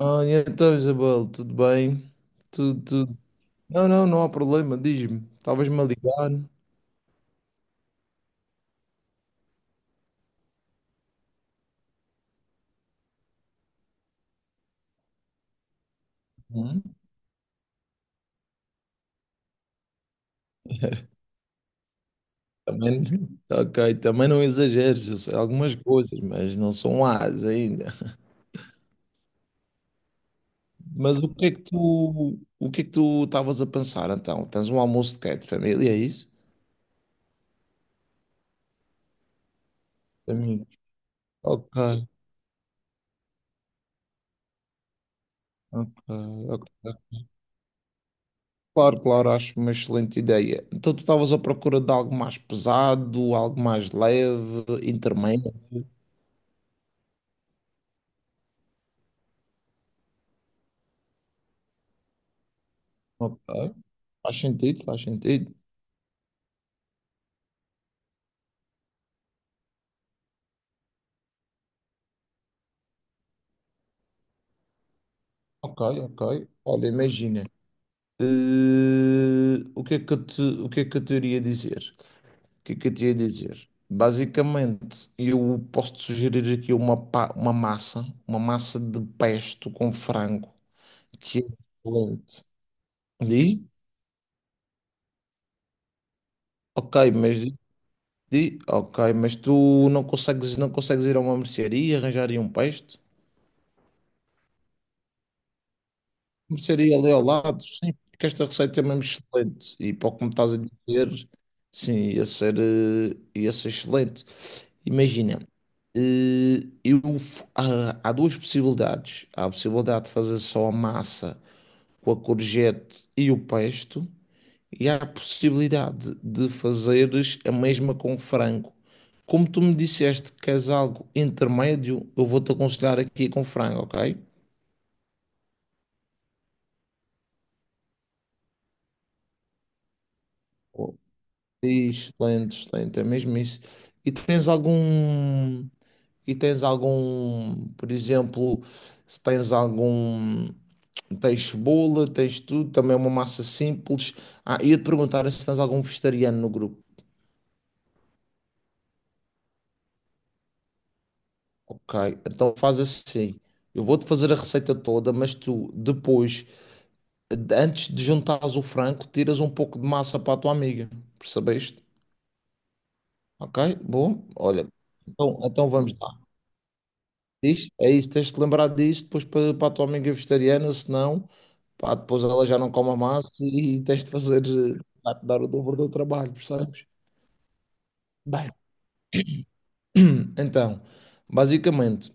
Olha, então, Isabel, tudo bem? Tudo, tudo. Não, não, não há problema, diz-me. Estavas-me a ligar. Hum? Também, ok, também não exageres, eu sei algumas coisas, mas não são as ainda. Mas o que é que tu, o que é que tu estavas a pensar então? Tens um almoço de quê? De família, é isso? Família. Ok, ok, ok. Claro, claro, acho uma excelente ideia. Então tu estavas à procura de algo mais pesado, algo mais leve, intermédio? Ok. Faz sentido, faz sentido. Ok, ok. Olha, imagina. O que é que eu te, o que é que eu te iria dizer? O que é que eu te ia dizer? Basicamente, eu posso te sugerir aqui uma massa, uma massa, de pesto com frango, que é excelente. Di? Ok, mas tu não consegues ir a uma mercearia e arranjar aí um pesto? Começaria ali ao lado, sim, porque esta receita é mesmo excelente. E para o que me estás a dizer, sim, ia ser excelente. Imagina, eu, há duas possibilidades. Há a possibilidade de fazer só a massa com a courgette e o pesto, e há a possibilidade de fazeres a mesma com frango. Como tu me disseste que queres algo intermédio, eu vou-te aconselhar aqui com frango, ok? Excelente, excelente, é mesmo isso. E tens algum, e tens algum, por exemplo, se tens algum, tens cebola, tens tudo, também é uma massa simples. Ah, ia-te perguntar se tens algum vegetariano no grupo. Ok, então faz assim. Eu vou-te fazer a receita toda, mas tu depois, antes de juntares o frango, tiras um pouco de massa para a tua amiga. Percebeste? Ok, bom. Olha, então, vamos lá. É isso, tens de te lembrar disso depois para a tua amiga vegetariana, senão, pá, depois ela já não come massa e tens de fazer, vai-te dar o dobro do trabalho, percebes? Bem, então, basicamente.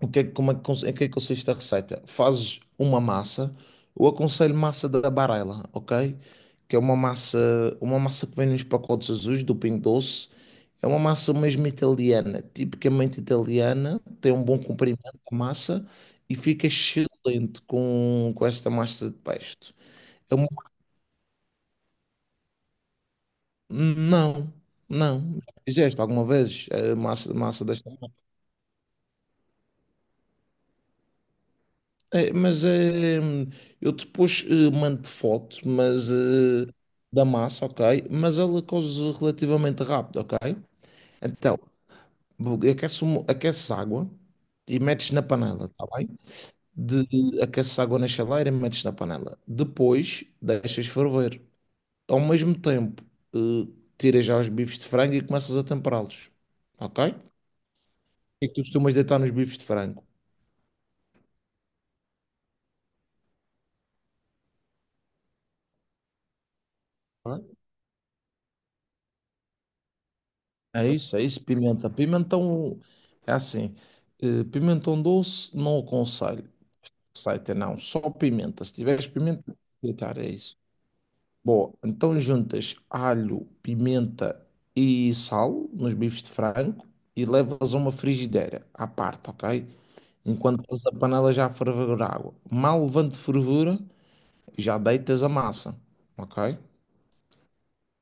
O que é, como é que, cons- em que é que consiste a receita? Fazes uma massa, eu aconselho massa da Barela, ok? Que é uma massa, que vem nos pacotes azuis do Pingo Doce. É uma massa mesmo italiana, tipicamente italiana, tem um bom comprimento a massa e fica excelente com esta massa de pesto. É uma- Não, não. Já fizeste alguma vez a massa desta? É, mas eu depois mando foto, mas da massa, ok? Mas ela coze relativamente rápido, ok? Então, aquece, aquece água e metes na panela, tá bem? Aqueces água na chaleira e metes na panela. Depois, deixas ferver. Ao mesmo tempo, eh, tiras já os bifes de frango e começas a temperá-los, ok? O que é que tu costumas deitar nos bifes de frango? É isso, pimenta. Pimentão é assim, pimentão doce não aconselho. Receita não, só pimenta. Se tiveres pimenta, deitar é isso. Bom, então juntas alho, pimenta e sal nos bifes de frango e levas a uma frigideira à parte, ok? Enquanto estás a panela já a ferver água. Mal levante fervura, já deitas a massa, ok?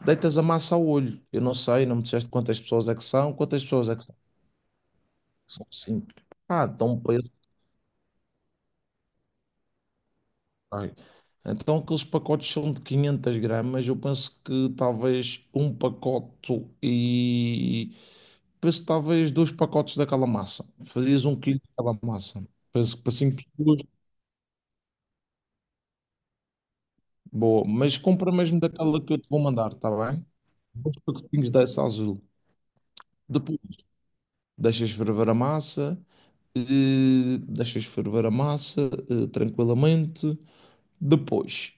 Deitas a massa ao olho. Eu não sei, não me disseste quantas pessoas é que são, quantas pessoas é que São cinco. Ah, tão preso. Ai. Então aqueles pacotes são de 500 gramas. Eu penso que talvez um pacote e... Penso que talvez dois pacotes daquela massa. Fazias um quilo daquela massa. Penso que para cinco pessoas. Boa. Mas compra mesmo daquela que eu te vou mandar, está bem? Dois pacotinhos dessa azul. Depois deixas ferver a massa. Eh, Deixas ferver a massa tranquilamente. Depois...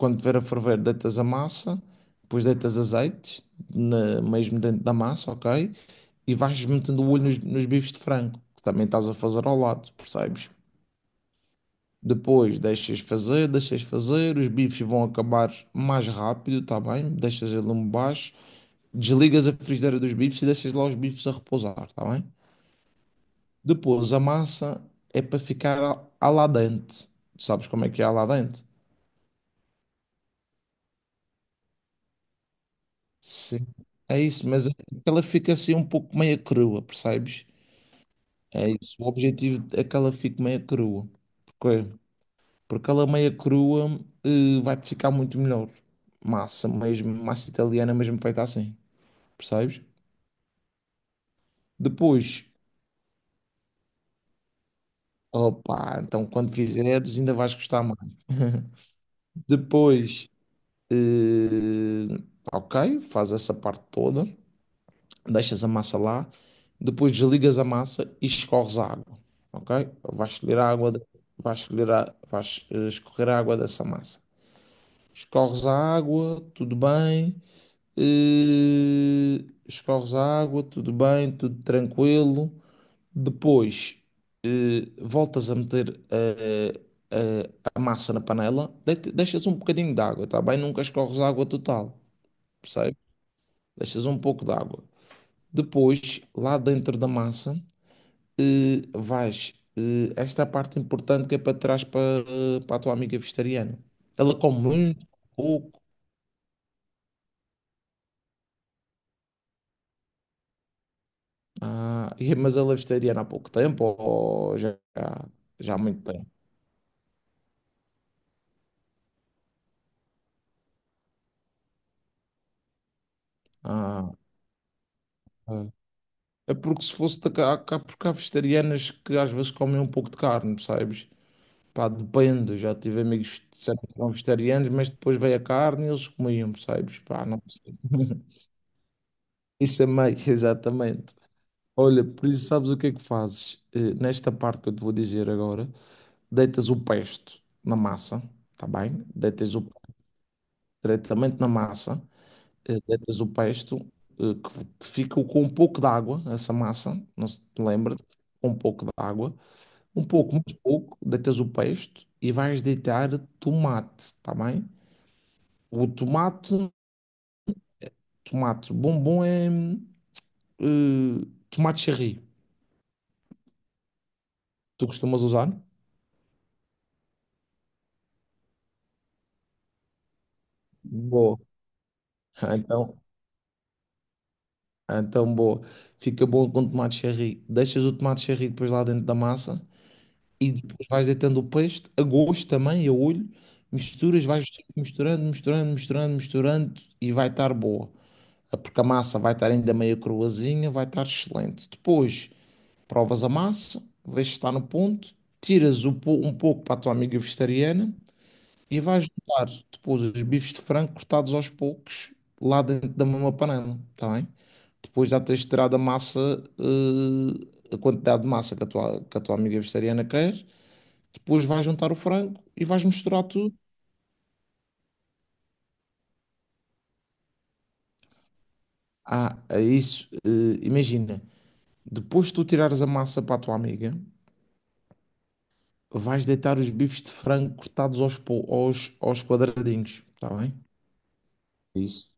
Quando tiver a ferver, deitas a massa, depois deitas azeite, mesmo dentro da massa, ok? E vais metendo o olho nos bifes de frango, que também estás a fazer ao lado, percebes? Depois deixas fazer, os bifes vão acabar mais rápido, tá bem? Deixas ele lume baixo, desligas a frigideira dos bifes e deixas lá os bifes a repousar, tá bem? Depois a massa é para ficar al dente. Sabes como é que é al dente? Sim, é isso, mas é que ela fica assim um pouco meia crua, percebes? É isso. O objetivo é que ela fique meia crua. Porquê? Porque ela meia crua vai-te ficar muito melhor. Massa mesmo, massa italiana mesmo feita assim, percebes? Depois, opa, então quando fizeres ainda vais gostar mais. Depois, eh, ok, faz essa parte toda. Deixas a massa lá, depois desligas a massa e escorres a água, ok? Vais escolher a água, vais escolher a, vais escorrer a água dessa massa. Escorres a água, tudo bem, escorres a água, tudo bem, tudo tranquilo. Depois, voltas a meter a massa na panela, deixas um bocadinho de água, tá bem? Nunca escorres a água total, percebe? Deixas um pouco de água. Depois, lá dentro da massa, vais, esta é a parte importante que é para trás para, para a tua amiga vegetariana. Ela come muito, pouco, ah, mas ela é vegetariana há pouco tempo ou já há muito tempo? Ah, ah. É porque se fosse da cá, porque há vegetarianas que às vezes comem um pouco de carne, percebes? Pá, depende, já tive amigos que disseram que eram vegetarianos, mas depois veio a carne e eles comiam, percebes? Pá, não sei. Isso é meio, exatamente. Olha, por isso sabes o que é que fazes? Nesta parte que eu te vou dizer agora, deitas o pesto na massa, tá bem? Deitas o pesto diretamente na massa, deitas o pesto que fica com um pouco de água, essa massa, não se te lembra? Com um pouco de água, um pouco, muito pouco, deitas o pesto e vais deitar tomate, tá bem? O tomate, tomate bombom é tomate cherry. Tu costumas usar? Boa. Então, boa. Fica bom com tomate cherry. Deixas o tomate cherry depois lá dentro da massa e depois vais deitando o peixe a gosto também, a olho. Misturas, vais misturando, misturando, misturando, misturando e vai estar boa. Ah, porque a massa vai estar ainda meio cruazinha, vai estar excelente. Depois, provas a massa, vês se está no ponto, tiras o um pouco para a tua amiga vegetariana e vais botar depois os bifes de frango cortados aos poucos lá dentro da mesma panela, está bem? Depois já tens de tirar da massa, a quantidade de massa que a tua amiga vegetariana quer, depois vais juntar o frango e vais misturar tudo. Ah, é isso, imagina, depois de tu tirares a massa para a tua amiga, vais deitar os bifes de frango cortados aos quadradinhos, está bem? É isso,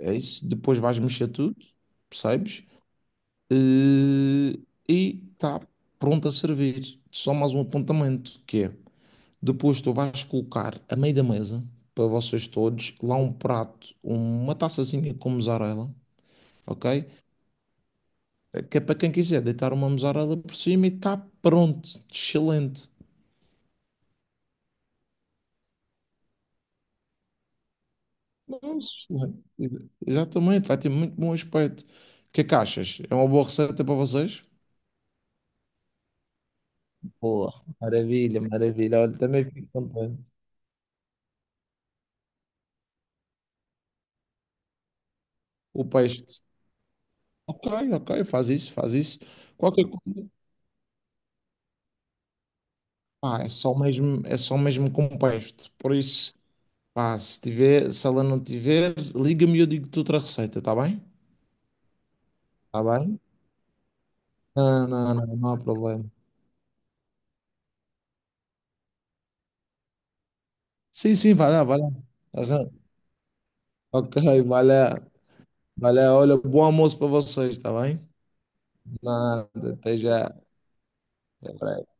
é isso. Depois vais mexer tudo, percebes? Eh, e está pronto a servir. Só mais um apontamento, que é Depois tu vais colocar a meio da mesa, para vocês todos, lá um prato, uma taçazinha com mussarela, ok? Que é para quem quiser deitar uma mussarela por cima e está pronto, excelente. Mas, excelente. Exatamente, vai ter muito bom aspecto. O que é que achas? É uma boa receita para vocês? Boa, maravilha, maravilha. Olha, também fico contente. O peixe. Ok, ok, faz isso, faz isso. Qualquer coisa. Ah, é só mesmo com peixe. Por isso. Pá, se tiver, se ela não tiver, liga-me e eu digo-te outra receita, está bem? Está bem? Não, não, não, não há problema. Sim, sim, vai lá, vai lá. Aham. Ok, vai lá, vai lá. Olha, bom almoço para vocês, está bem? Nada, até já. Até breve.